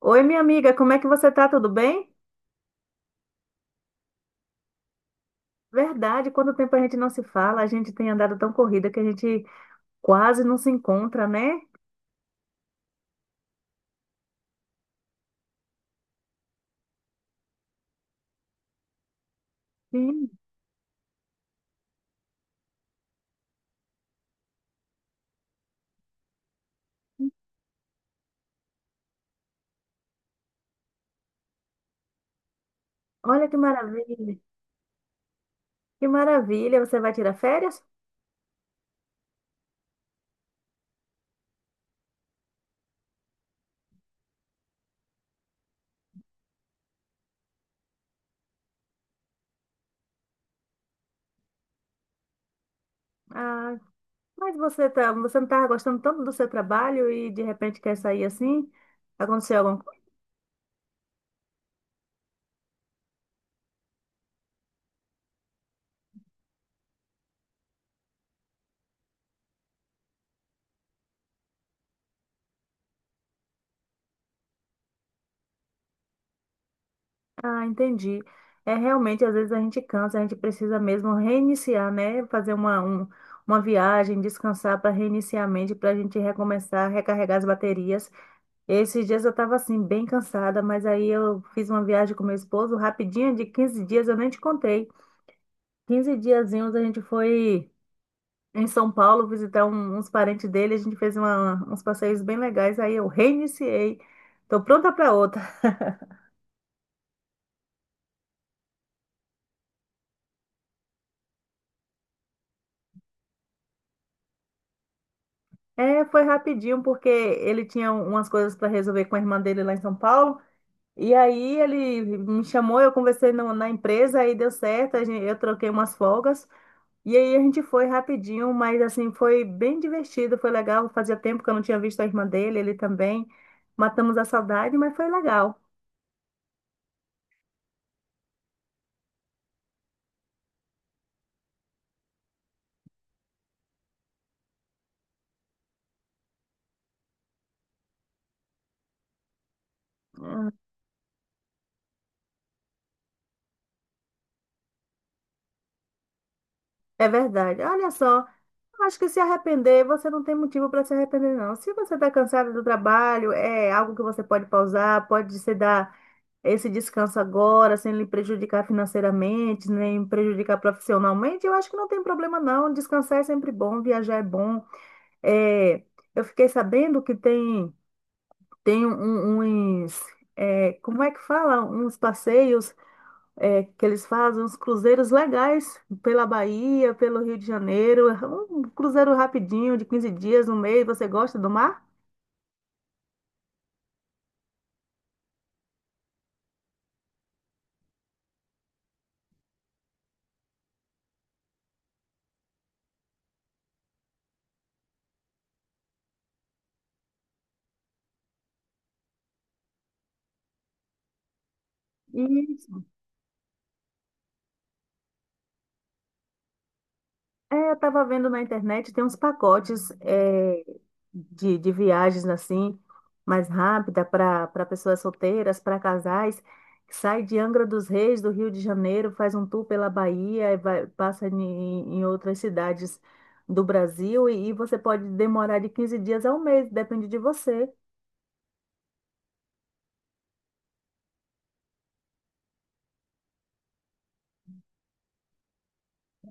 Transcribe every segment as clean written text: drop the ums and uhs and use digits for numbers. Oi, minha amiga, como é que você tá? Tudo bem? Verdade, quanto tempo a gente não se fala, a gente tem andado tão corrida que a gente quase não se encontra, né? Sim. Olha que maravilha. Que maravilha, você vai tirar férias? Ah, mas você não tá gostando tanto do seu trabalho e de repente quer sair assim? Aconteceu alguma coisa? Ah, entendi. É realmente, às vezes a gente cansa, a gente precisa mesmo reiniciar, né? Fazer uma viagem, descansar para reiniciar a mente, para a gente recomeçar, recarregar as baterias. Esses dias eu estava assim, bem cansada, mas aí eu fiz uma viagem com meu esposo rapidinha, de 15 dias, eu nem te contei. 15 diazinhos a gente foi em São Paulo visitar uns parentes dele, a gente fez uns passeios bem legais, aí eu reiniciei. Tô pronta para outra. É, foi rapidinho, porque ele tinha umas coisas para resolver com a irmã dele lá em São Paulo. E aí ele me chamou, eu conversei na empresa, aí deu certo, eu troquei umas folgas. E aí a gente foi rapidinho, mas assim, foi bem divertido, foi legal. Fazia tempo que eu não tinha visto a irmã dele, ele também. Matamos a saudade, mas foi legal. Hum. É verdade. Olha só, eu acho que se arrepender, você não tem motivo para se arrepender, não. Se você está cansado do trabalho, é algo que você pode pausar, pode se dar esse descanso agora, sem lhe prejudicar financeiramente, nem prejudicar profissionalmente. Eu acho que não tem problema, não. Descansar é sempre bom, viajar é bom. É, eu fiquei sabendo que tem. Tem uns, é, como é que fala? Uns passeios, é, que eles fazem, uns cruzeiros legais pela Bahia, pelo Rio de Janeiro. É um cruzeiro rapidinho, de 15 dias, um mês. Você gosta do mar? Isso. É, eu estava vendo na internet, tem uns pacotes de viagens assim mais rápida para pessoas solteiras, para casais, que sai de Angra dos Reis, do Rio de Janeiro, faz um tour pela Bahia, e vai, passa em outras cidades do Brasil e você pode demorar de 15 dias a um mês, depende de você.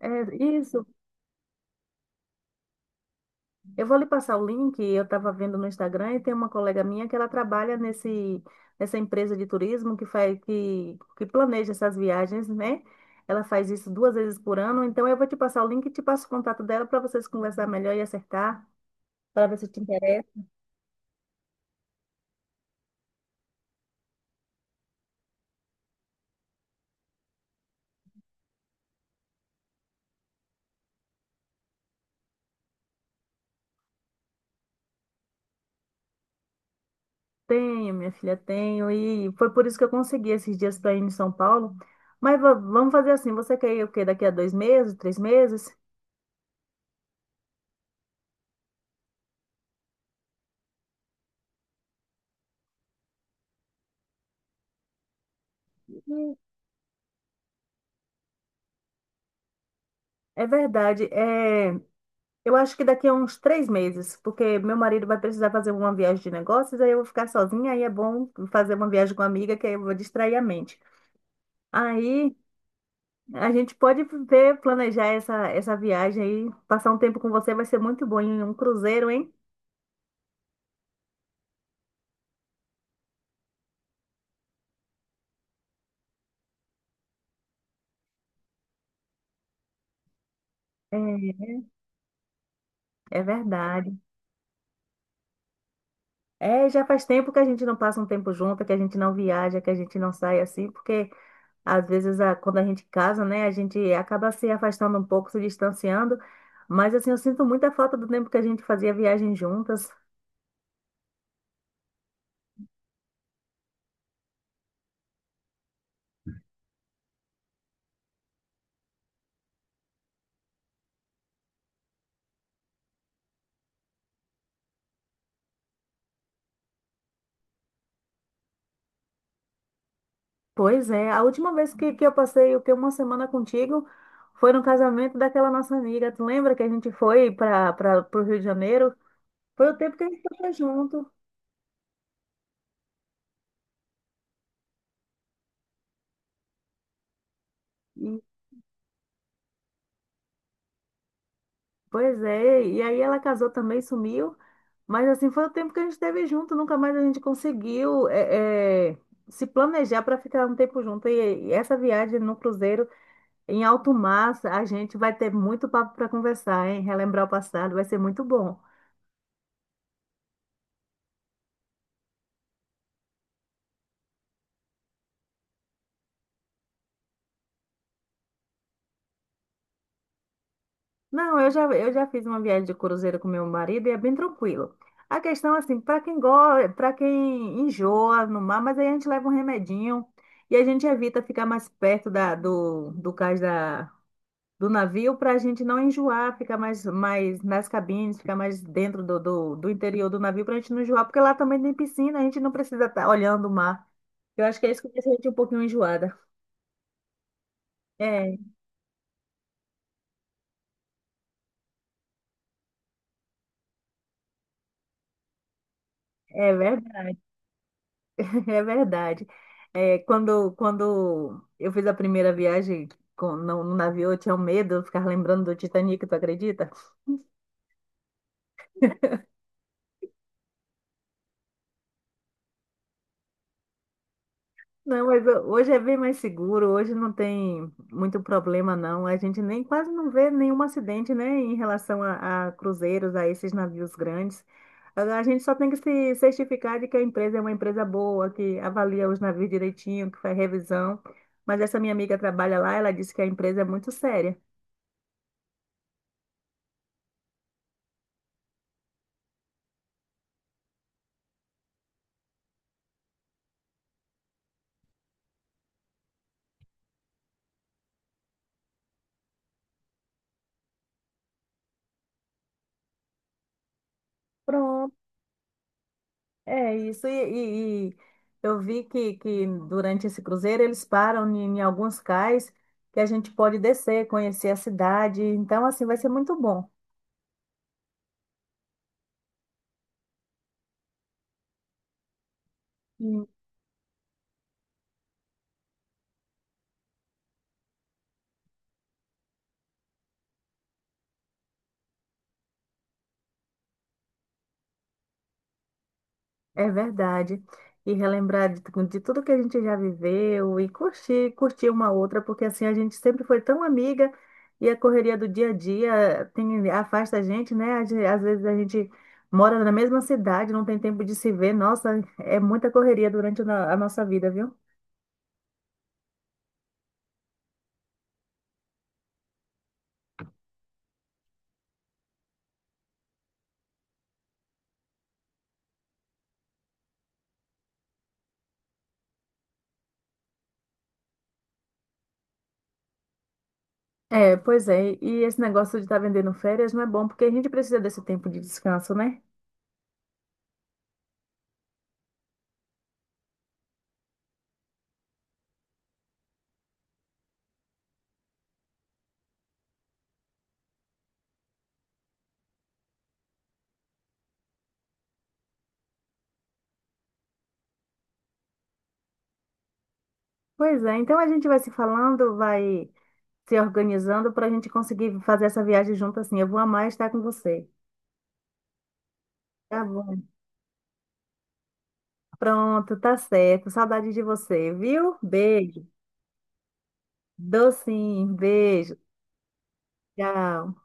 É isso. Eu vou lhe passar o link, eu estava vendo no Instagram e tem uma colega minha que ela trabalha nessa empresa de turismo que planeja essas viagens, né? Ela faz isso 2 vezes por ano, então eu vou te passar o link e te passo o contato dela para vocês conversar melhor e acertar, para ver se te interessa. Tenho, minha filha, tenho, e foi por isso que eu consegui esses dias para ir em São Paulo. Mas vamos fazer assim, você quer ir o quê? Daqui a 2 meses, 3 meses? Hum. É verdade. Eu acho que daqui a uns 3 meses, porque meu marido vai precisar fazer uma viagem de negócios, aí eu vou ficar sozinha, aí é bom fazer uma viagem com uma amiga, que aí eu vou distrair a mente. Aí a gente pode ver, planejar essa viagem aí, passar um tempo com você vai ser muito bom em um cruzeiro, hein? É, é verdade. É, já faz tempo que a gente não passa um tempo junto, que a gente não viaja, que a gente não sai assim, porque às vezes, quando a gente casa, né, a gente acaba se afastando um pouco, se distanciando, mas assim, eu sinto muita falta do tempo que a gente fazia viagem juntas. Pois é, a última vez que eu passei o que uma semana contigo foi no casamento daquela nossa amiga. Tu lembra que a gente foi para o Rio de Janeiro? Foi o tempo que a gente estava junto. E, Pois é, e aí ela casou também, sumiu. Mas assim foi o tempo que a gente esteve junto, nunca mais a gente conseguiu se planejar para ficar um tempo junto. E essa viagem no cruzeiro em alto mar, a gente vai ter muito papo para conversar, hein? Relembrar o passado vai ser muito bom. Não, eu já fiz uma viagem de cruzeiro com meu marido e é bem tranquilo. A questão, assim, para quem gosta, para quem enjoa no mar, mas aí a gente leva um remedinho e a gente evita ficar mais perto do cais do navio para a gente não enjoar, ficar mais nas cabines, ficar mais dentro do interior do navio para a gente não enjoar, porque lá também tem piscina, a gente não precisa estar olhando o mar. Eu acho que é isso que deixa a gente um pouquinho enjoada. É, é verdade, é verdade. É, quando eu fiz a primeira viagem com, no, no navio, eu tinha um medo, eu ficava lembrando do Titanic, tu acredita? Não, mas hoje é bem mais seguro, hoje não tem muito problema, não. A gente nem quase não vê nenhum acidente, né, em relação a cruzeiros, a esses navios grandes. A gente só tem que se certificar de que a empresa é uma empresa boa, que avalia os navios direitinho, que faz revisão. Mas essa minha amiga trabalha lá, ela disse que a empresa é muito séria. Pronto. É isso, e eu vi que durante esse cruzeiro eles param em alguns cais que a gente pode descer, conhecer a cidade, então assim vai ser muito bom. Sim. É verdade. E relembrar de tudo que a gente já viveu e curtir, curtir uma outra, porque assim a gente sempre foi tão amiga e a correria do dia a dia afasta a gente, né? Às vezes a gente mora na mesma cidade, não tem tempo de se ver. Nossa, é muita correria durante a no- a nossa vida, viu? É, pois é. E esse negócio de estar vendendo férias não é bom, porque a gente precisa desse tempo de descanso, né? Pois é. Então a gente vai se falando, vai se organizando para a gente conseguir fazer essa viagem junto assim. Eu vou amar estar com você. Tá bom. Pronto, tá certo. Saudade de você, viu? Beijo. Docinho, beijo. Tchau.